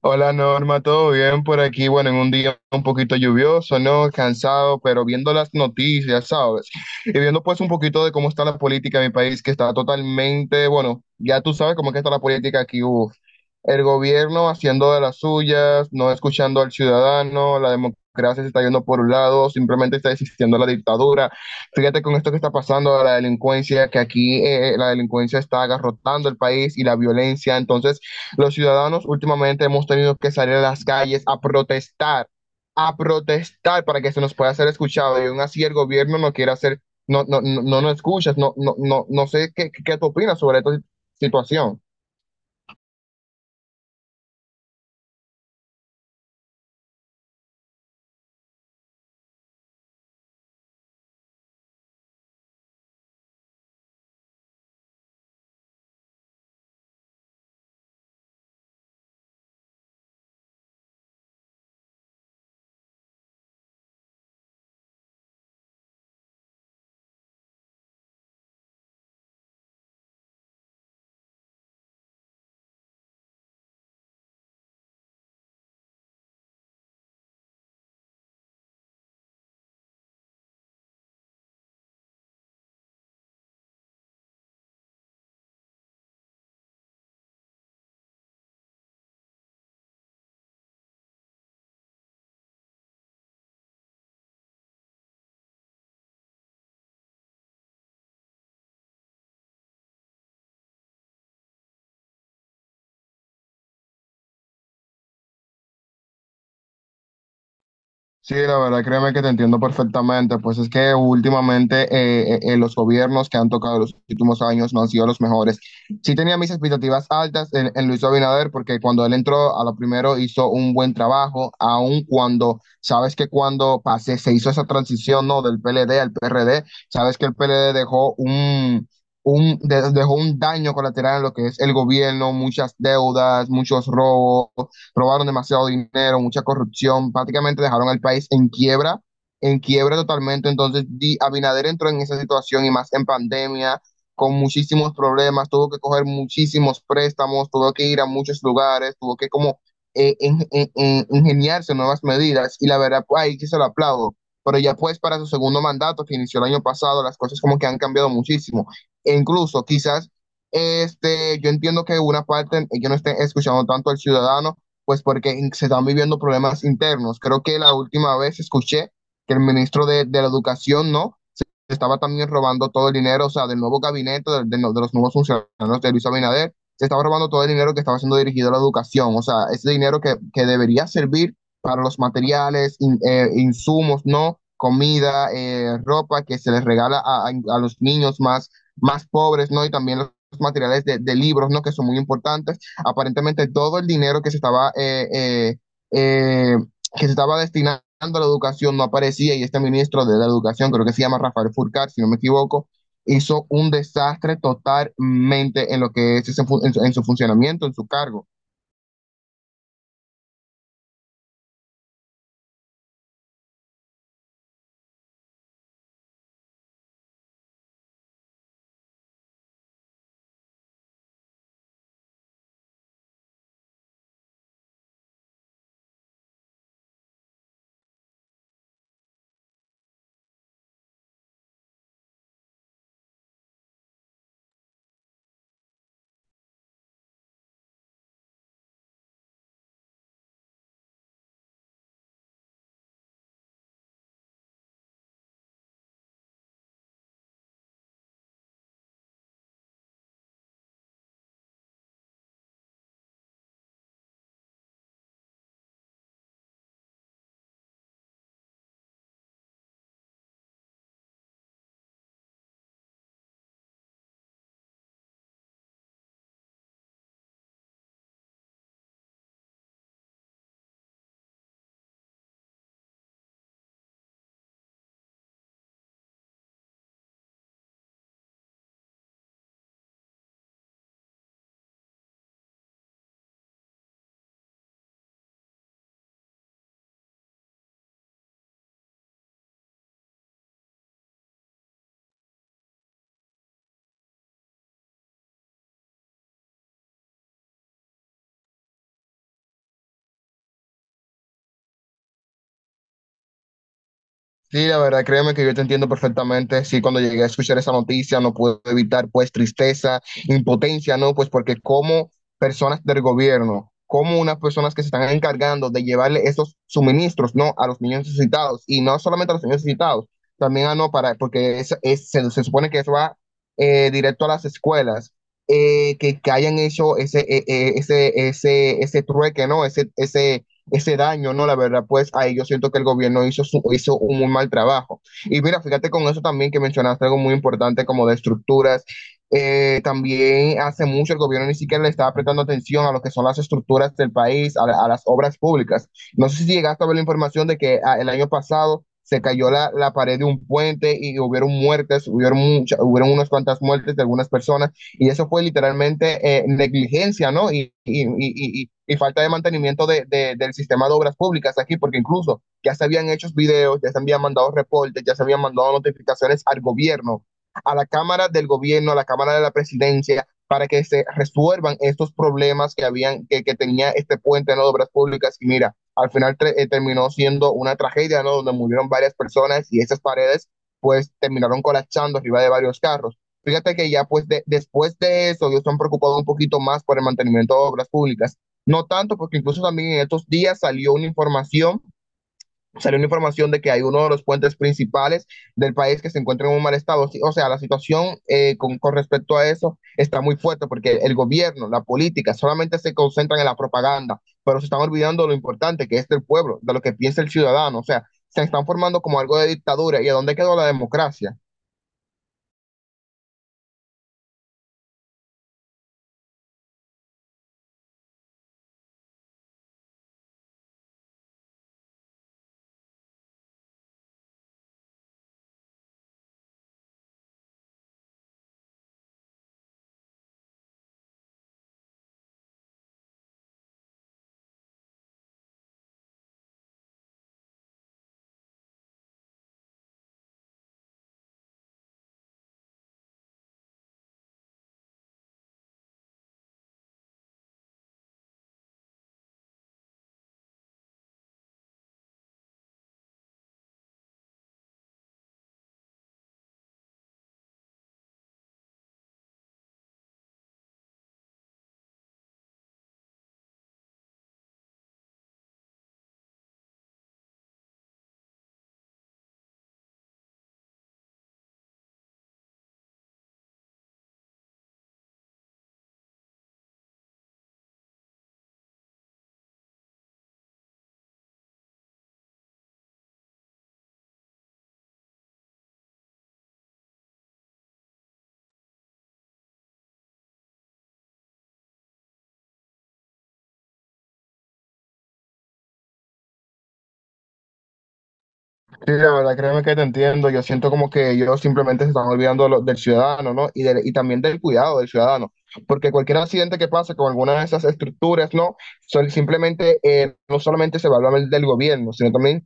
Hola Norma, ¿todo bien por aquí? Bueno, en un día un poquito lluvioso, ¿no? Cansado, pero viendo las noticias, ¿sabes? Y viendo pues un poquito de cómo está la política en mi país, que está totalmente, bueno, ya tú sabes cómo es que está la política aquí, uf. El gobierno haciendo de las suyas, no escuchando al ciudadano, la democracia se está yendo por un lado, simplemente está existiendo la dictadura. Fíjate con esto que está pasando, la delincuencia, que aquí la delincuencia está agarrotando el país y la violencia, entonces... Los ciudadanos últimamente hemos tenido que salir a las calles a protestar para que se nos pueda ser escuchado. Y aún así el gobierno no quiere hacer, no, no, no, no nos escuchas, no, no, no, no sé qué, ¿qué tú opinas sobre esta situación? Sí, la verdad, créeme que te entiendo perfectamente, pues es que últimamente los gobiernos que han tocado los últimos años no han sido los mejores. Sí tenía mis expectativas altas en Luis Abinader porque cuando él entró a lo primero hizo un buen trabajo, aun cuando, sabes que cuando pasé, se hizo esa transición, ¿no? Del PLD al PRD, sabes que el PLD dejó dejó un daño colateral en lo que es el gobierno, muchas deudas, muchos robos robaron demasiado dinero, mucha corrupción, prácticamente dejaron al país en quiebra totalmente. Entonces, Abinader entró en esa situación y más en pandemia, con muchísimos problemas, tuvo que coger muchísimos préstamos, tuvo que ir a muchos lugares, tuvo que como ingeniarse nuevas medidas y la verdad, pues, ahí sí se lo aplaudo. Pero ya pues para su segundo mandato que inició el año pasado, las cosas como que han cambiado muchísimo. E incluso quizás este, yo entiendo que una parte, yo no esté escuchando tanto al ciudadano, pues porque se están viviendo problemas internos. Creo que la última vez escuché que el ministro de la Educación, ¿no? estaba también robando todo el dinero, o sea, del nuevo gabinete, no, de los nuevos funcionarios de Luis Abinader, se estaba robando todo el dinero que estaba siendo dirigido a la educación, o sea, ese dinero que debería servir para los materiales, insumos, ¿no? Comida, ropa que se les regala a los niños más, más pobres, ¿no? Y también los materiales de libros, ¿no? Que son muy importantes. Aparentemente todo el dinero eh, que se estaba destinando a la educación no aparecía y este ministro de la educación, creo que se llama Rafael Furcar, si no me equivoco, hizo un desastre totalmente en lo que es ese, en su funcionamiento, en su cargo. Sí, la verdad, créeme que yo te entiendo perfectamente. Sí, cuando llegué a escuchar esa noticia no pude evitar pues tristeza, impotencia, ¿no? Pues porque como personas del gobierno, como unas personas que se están encargando de llevarle estos suministros, ¿no? A los niños necesitados y no solamente a los niños necesitados, también a no para, porque es, se supone que eso va directo a las escuelas, que hayan hecho ese, ese trueque, ¿no? Ese daño, ¿no? La verdad, pues ahí yo siento que el gobierno hizo un muy mal trabajo. Y mira, fíjate con eso también que mencionaste algo muy importante como de estructuras. También hace mucho el gobierno ni siquiera le estaba prestando atención a lo que son las estructuras del país, a las obras públicas. No sé si llegaste a ver la información de que ah, el año pasado se cayó la pared de un puente y hubieron muertes, hubieron unas cuantas muertes de algunas personas. Y eso fue literalmente negligencia, ¿no? Y falta de mantenimiento del sistema de obras públicas aquí, porque incluso ya se habían hecho videos, ya se habían mandado reportes, ya se habían mandado notificaciones al gobierno, a la Cámara del Gobierno, a la Cámara de la Presidencia, para que se resuelvan estos problemas que habían que tenía este puente en ¿no? de obras públicas y mira al final terminó siendo una tragedia no donde murieron varias personas y esas paredes pues terminaron colapsando arriba de varios carros. Fíjate que ya pues después de eso ellos se han preocupado un poquito más por el mantenimiento de obras públicas. No tanto porque incluso también en estos días salió una información de que hay uno de los puentes principales del país que se encuentra en un mal estado. Sí, o sea, la situación con respecto a eso está muy fuerte porque el gobierno, la política, solamente se concentran en la propaganda, pero se están olvidando de lo importante que es del pueblo, de lo que piensa el ciudadano. O sea, se están formando como algo de dictadura. ¿Y a dónde quedó la democracia? Sí, la verdad, créeme que te entiendo. Yo siento como que ellos simplemente se están olvidando de del ciudadano, ¿no? Y también del cuidado del ciudadano. Porque cualquier accidente que pase con alguna de esas estructuras, ¿no? Son simplemente, no solamente se va a hablar del gobierno, sino también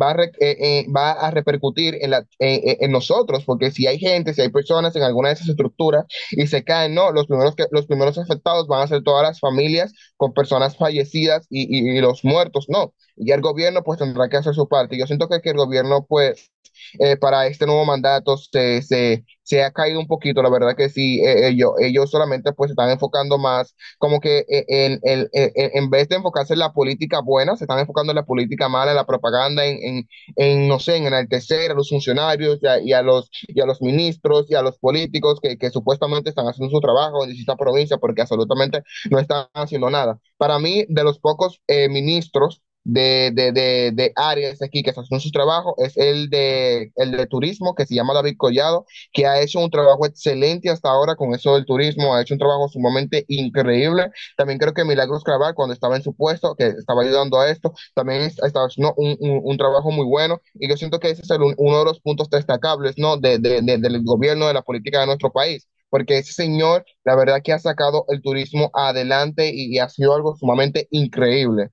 va a repercutir en nosotros. Porque si hay gente, si hay personas en alguna de esas estructuras y se caen, ¿no? Los primeros afectados van a ser todas las familias con personas fallecidas y los muertos, ¿no? Y el gobierno pues tendrá que hacer su parte. Yo siento que el gobierno pues para este nuevo mandato ha caído un poquito, la verdad que sí, ellos solamente pues se están enfocando más como que vez de enfocarse en la política buena, se están enfocando en la política mala, en la propaganda, en no sé, en enaltecer a los funcionarios y a los ministros y a los políticos que supuestamente están haciendo su trabajo en distintas provincias porque absolutamente no están haciendo nada. Para mí, de los pocos ministros, de áreas aquí que hacen su trabajo es el de turismo, que se llama David Collado, que ha hecho un trabajo excelente hasta ahora con eso del turismo, ha hecho un trabajo sumamente increíble. También creo que Milagros Craval, cuando estaba en su puesto, que estaba ayudando a esto, también estaba haciendo un trabajo muy bueno. Y yo siento que ese es el uno de los puntos destacables, ¿no? Del gobierno, de la política de nuestro país. Porque ese señor, la verdad que ha sacado el turismo adelante y ha sido algo sumamente increíble.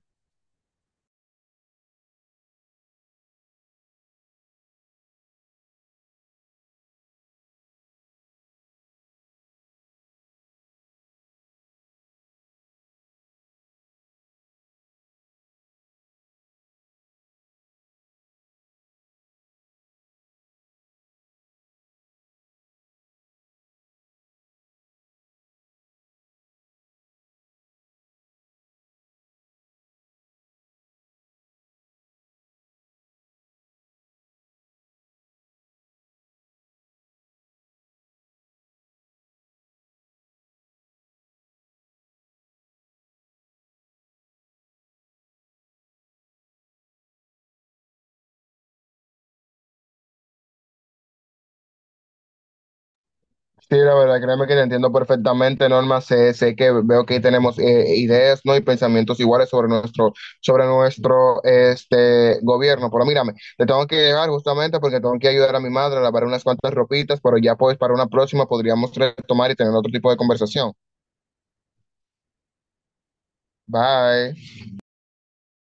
Sí, la verdad, créeme que te entiendo perfectamente, Norma. Sé que veo que tenemos ideas, ¿no? y pensamientos iguales sobre nuestro este, gobierno. Pero mírame, te tengo que dejar justamente porque tengo que ayudar a mi madre a lavar unas cuantas ropitas, pero ya pues para una próxima podríamos retomar y tener otro tipo de conversación. Bye.